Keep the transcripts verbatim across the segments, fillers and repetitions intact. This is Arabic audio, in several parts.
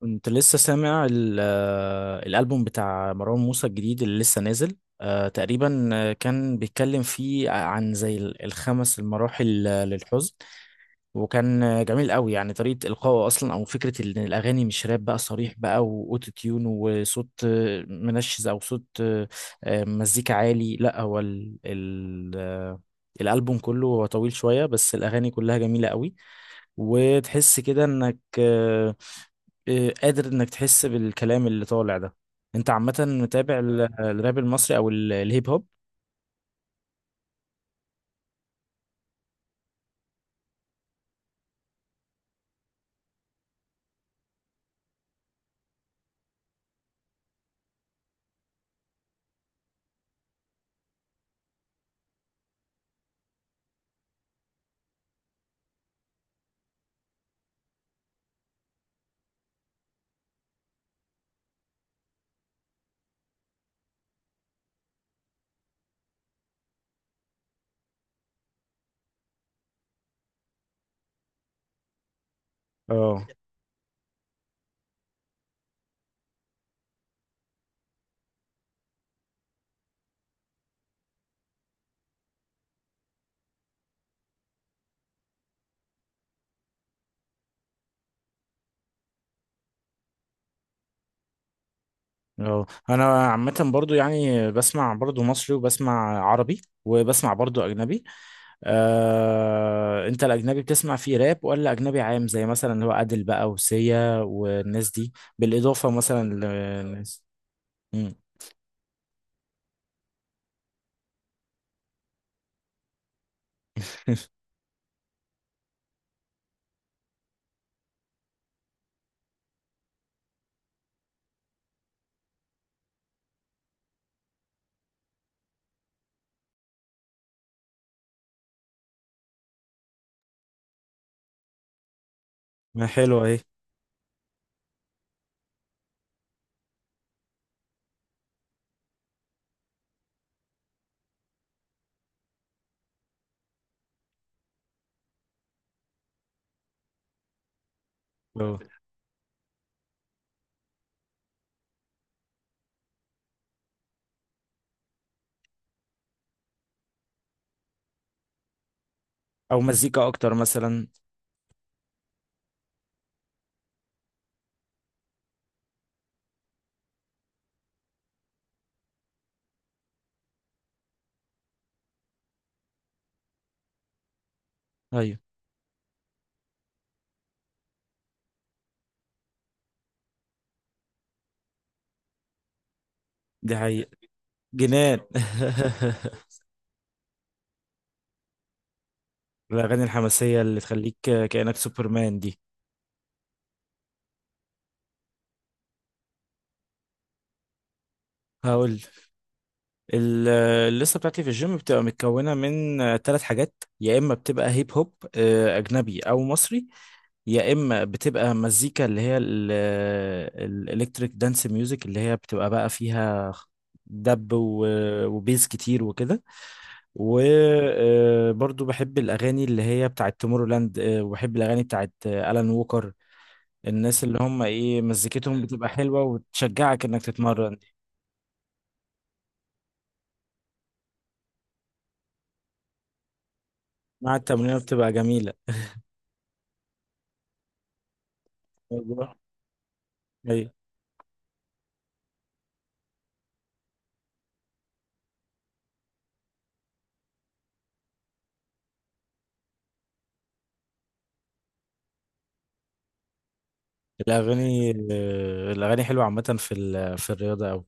كنت لسه سامع ال- آه، الألبوم بتاع مروان موسى الجديد اللي لسه نازل آه، تقريبا. آه، كان بيتكلم فيه عن زي ال- الخمس المراحل آه، للحزن. وكان آه، جميل قوي، يعني طريقة إلقائه أصلا، أو فكرة إن الأغاني مش راب بقى صريح بقى، وأوتو تيون وصوت آه، منشز، أو صوت آه، آه، مزيكا عالي. لا هو ال ال آه، الألبوم كله هو طويل شوية، بس الأغاني كلها جميلة قوي، وتحس كده انك آه، آه، قادر انك تحس بالكلام اللي طالع ده. انت عامة متابع ال- الراب المصري او ال- الهيب هوب؟ اه. اه، انا عامة برضو يعني بسمع برضو مصري، وبسمع عربي، وبسمع برضو اجنبي. آه، انت الاجنبي بتسمع فيه راب، ولا اجنبي عام زي مثلا اللي هو عادل بقى وسيا والناس دي، بالاضافة مثلا للناس. مم. ما حلوة اهي. اه. او مزيكا اكتر مثلا. ايوه، دي حقيقة، جنان. الأغاني الحماسية اللي تخليك كأنك سوبرمان دي. هقول. ال- الليستة بتاعتي في الجيم بتبقى متكونة من ثلاث حاجات. يا إما بتبقى هيب هوب، آه، أجنبي أو مصري، يا إما بتبقى مزيكا اللي هي الإلكتريك دانس ميوزك، اللي هي بتبقى بقى فيها دب و- وبيز كتير وكده. وبرضو بحب الأغاني اللي هي بتاعت تومورلاند، آه، وبحب الأغاني بتاعت آلان ووكر. الناس اللي هم ايه مزيكتهم بتبقى حلوة وتشجعك انك تتمرن. مع التمرين بتبقى جميلة. أيوة. أيوة. الأغاني، الأغاني حلوة عامة في ال- في الرياضة أوي.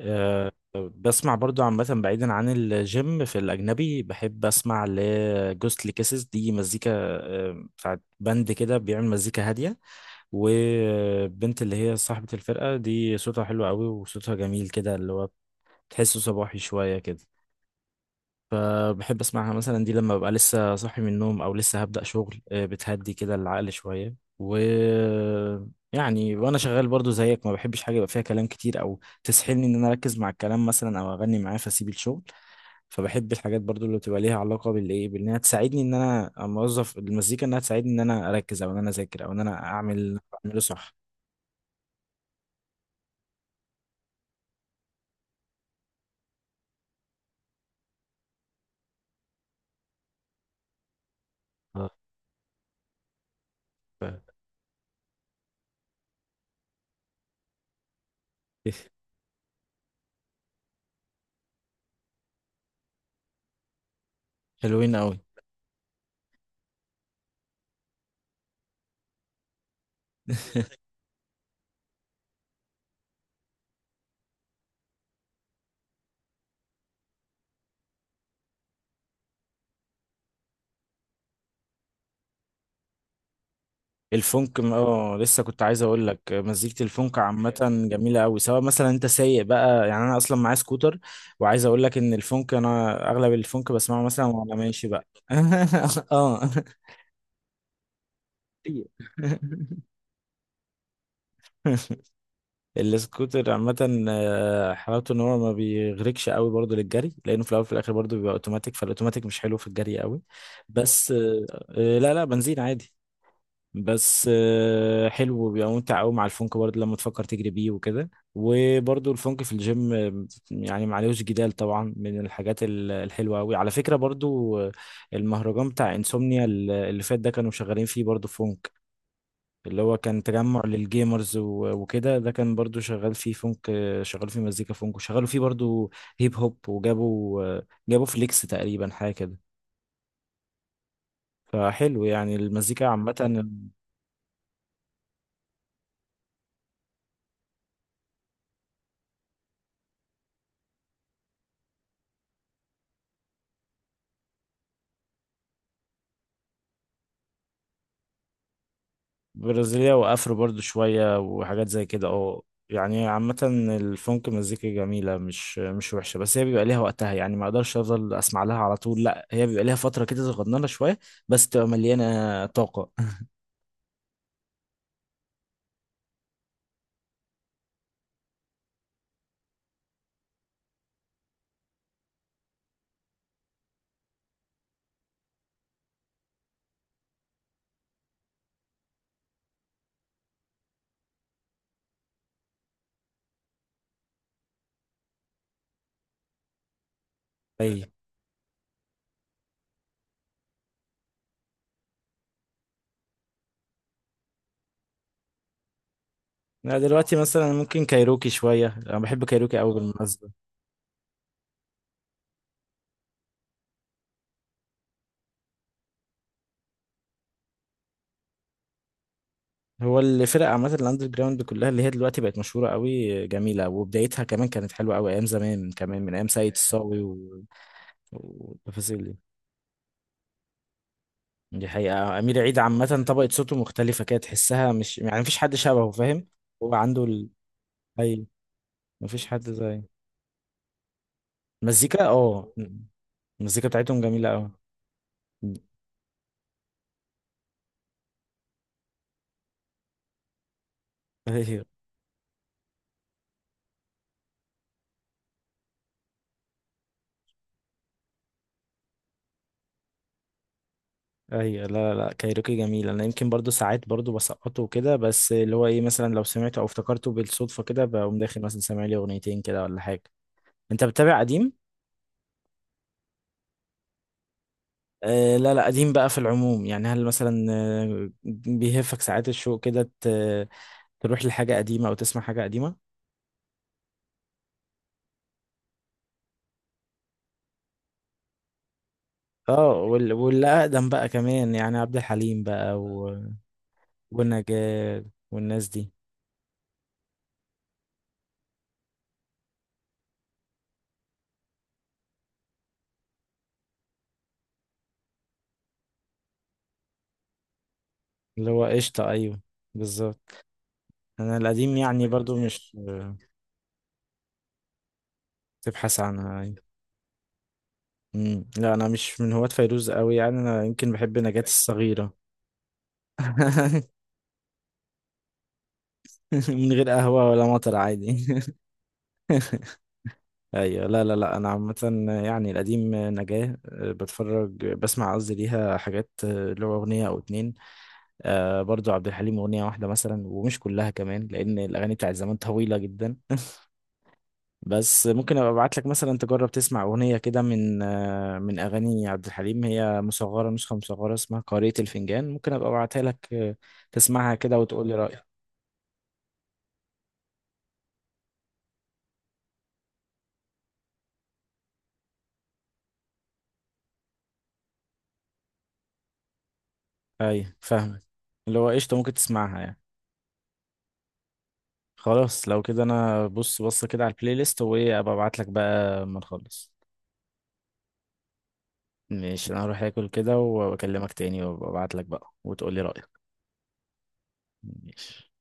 أه، بسمع برضو عامة بعيدا عن الجيم، في الأجنبي بحب أسمع لجوستلي كيسز، دي مزيكا، أه، بتاعت بند كده بيعمل مزيكا هادية. والبنت اللي هي صاحبة الفرقة دي صوتها حلو أوي، وصوتها جميل كده، اللي هو تحسه صباحي شوية كده. فبحب اسمعها مثلا دي لما ببقى لسه صاحي من النوم، او لسه هبدأ شغل، آه، بتهدي كده العقل شوية. و، يعني وانا شغال برضو زيك، ما بحبش حاجة يبقى فيها كلام كتير، او تسحلني ان انا اركز مع الكلام مثلا، او اغني معاه فاسيب الشغل. فبحب الحاجات برضو اللي بتبقى ليها علاقة بالايه، بانها تساعدني ان انا اوظف المزيكا، انها تساعدني ان انا اركز، او ان انا اذاكر، او ان انا اعمل، اعمله صح. آه، ف- حلوين قوي. الفونك م- اه، لسه كنت عايز اقول لك، مزيكة الفونك عامة جميلة قوي، سواء مثلا انت سايق بقى، يعني انا اصلا معايا سكوتر، وعايز اقول لك ان الفونك، انا اغلب الفونك بسمعه مثلا وانا ماشي بقى. اه، كتير. السكوتر عامة، آه، حلاوته ان هو ما بيغرقش قوي برضه للجري، لانه في الاول وفي الاخر برضه بيبقى اوتوماتيك، فالاوتوماتيك مش حلو في الجري قوي. بس آه، آه، لا لا، بنزين عادي. بس آه، حلو، وبيبقى ممتع قوي مع الفونك برضه لما تفكر تجري بيه وكده. وبرضه الفونك في الجيم، آه، يعني معلوش جدال طبعا، من الحاجات ال- الحلوه قوي على فكره برضه. آه، المهرجان بتاع انسومنيا ال- اللي فات ده، كانوا شغالين فيه برضه فونك، اللي هو كان تجمع للجيمرز و- وكده. ده كان برضه شغال فيه فونك، آه، شغال فيه مزيكا فونك، وشغالوا فيه برضه هيب هوب. وجابوا آه، جابوا فليكس تقريبا، حاجه كده. فحلو يعني المزيكا عامة، برازيلية وافro برضو شوية وحاجات زي كده. اه، يعني عامة الفونك مزيكا جميلة، مش مش وحشة، بس هي بيبقى ليها وقتها يعني، ما اقدرش افضل اسمع لها على طول، لا هي بيبقى ليها فترة كده صغننة شوية، بس تبقى مليانة طاقة. اي. لا دلوقتي مثلا ممكن كايروكي شوية، انا بحب كايروكي قوي بالمناسبة. هو الفرق عامة الاندر جراوند كلها، اللي هي دلوقتي بقت مشهورة قوي جميلة، وبدايتها كمان كانت حلوة قوي، ايام زمان كمان من ايام سيد الصاوي و… والتفاصيل دي، دي حقيقة. أمير عيد عامة طبقة صوته مختلفة كده، تحسها مش، يعني مفيش حد شبهه، فاهم. هو عنده ال، أي، مفيش حد زي مزيكا، اه، المزيكا بتاعتهم جميلة أوي. أيوه، أيوه. لا لا، كايروكي جميل، أنا يمكن برضو ساعات برضو بسقطه كده، بس اللي هو إيه مثلا، لو سمعته أو افتكرته بالصدفة كده بقوم داخل مثلا سامع لي أغنيتين كده ولا حاجة. أنت بتتابع قديم؟ آه، لا لا، قديم بقى في العموم يعني، هل مثلا آه، بيهفك ساعات الشوق كده، ت- تروح لحاجة قديمة أو تسمع حاجة قديمة؟ اه، وال... واللي اقدم بقى كمان يعني، عبد الحليم بقى و… ونجاة والناس دي. اللي هو قشطة، ايوه، بالظبط. انا القديم يعني برضو مش تبحث عنها، ايوه. مم. لا انا مش من هواة فيروز قوي يعني، انا يمكن بحب نجاة الصغيرة. من غير قهوة ولا مطر عادي. ايوه، لا لا لا، انا عامة يعني، القديم نجاة، آه، بتفرج بسمع قصدي ليها حاجات، آه، اللي هو اغنية او اتنين. آه، برضو عبد الحليم أغنية واحدة مثلا، ومش كلها كمان، لأن الأغاني بتاعت زمان طويلة جدا. بس ممكن أبقى أبعت لك مثلا تجرب تسمع أغنية كده، من آه من أغاني عبد الحليم، هي مصغرة، نسخة مصغرة، اسمها قارئة الفنجان. ممكن أبقى أبعتها لك، آه، تسمعها كده وتقول لي رأيك. أي، فاهمك، اللي هو قشطة، ممكن تسمعها يعني. خلاص، لو كده أنا بص بص كده على البلاي ليست، وإيه، أبقى أبعت لك بقى ما نخلص. ماشي، أنا هروح آكل كده وأكلمك تاني، وأبقى أبعت لك بقى وتقول لي رأيك. ماشي.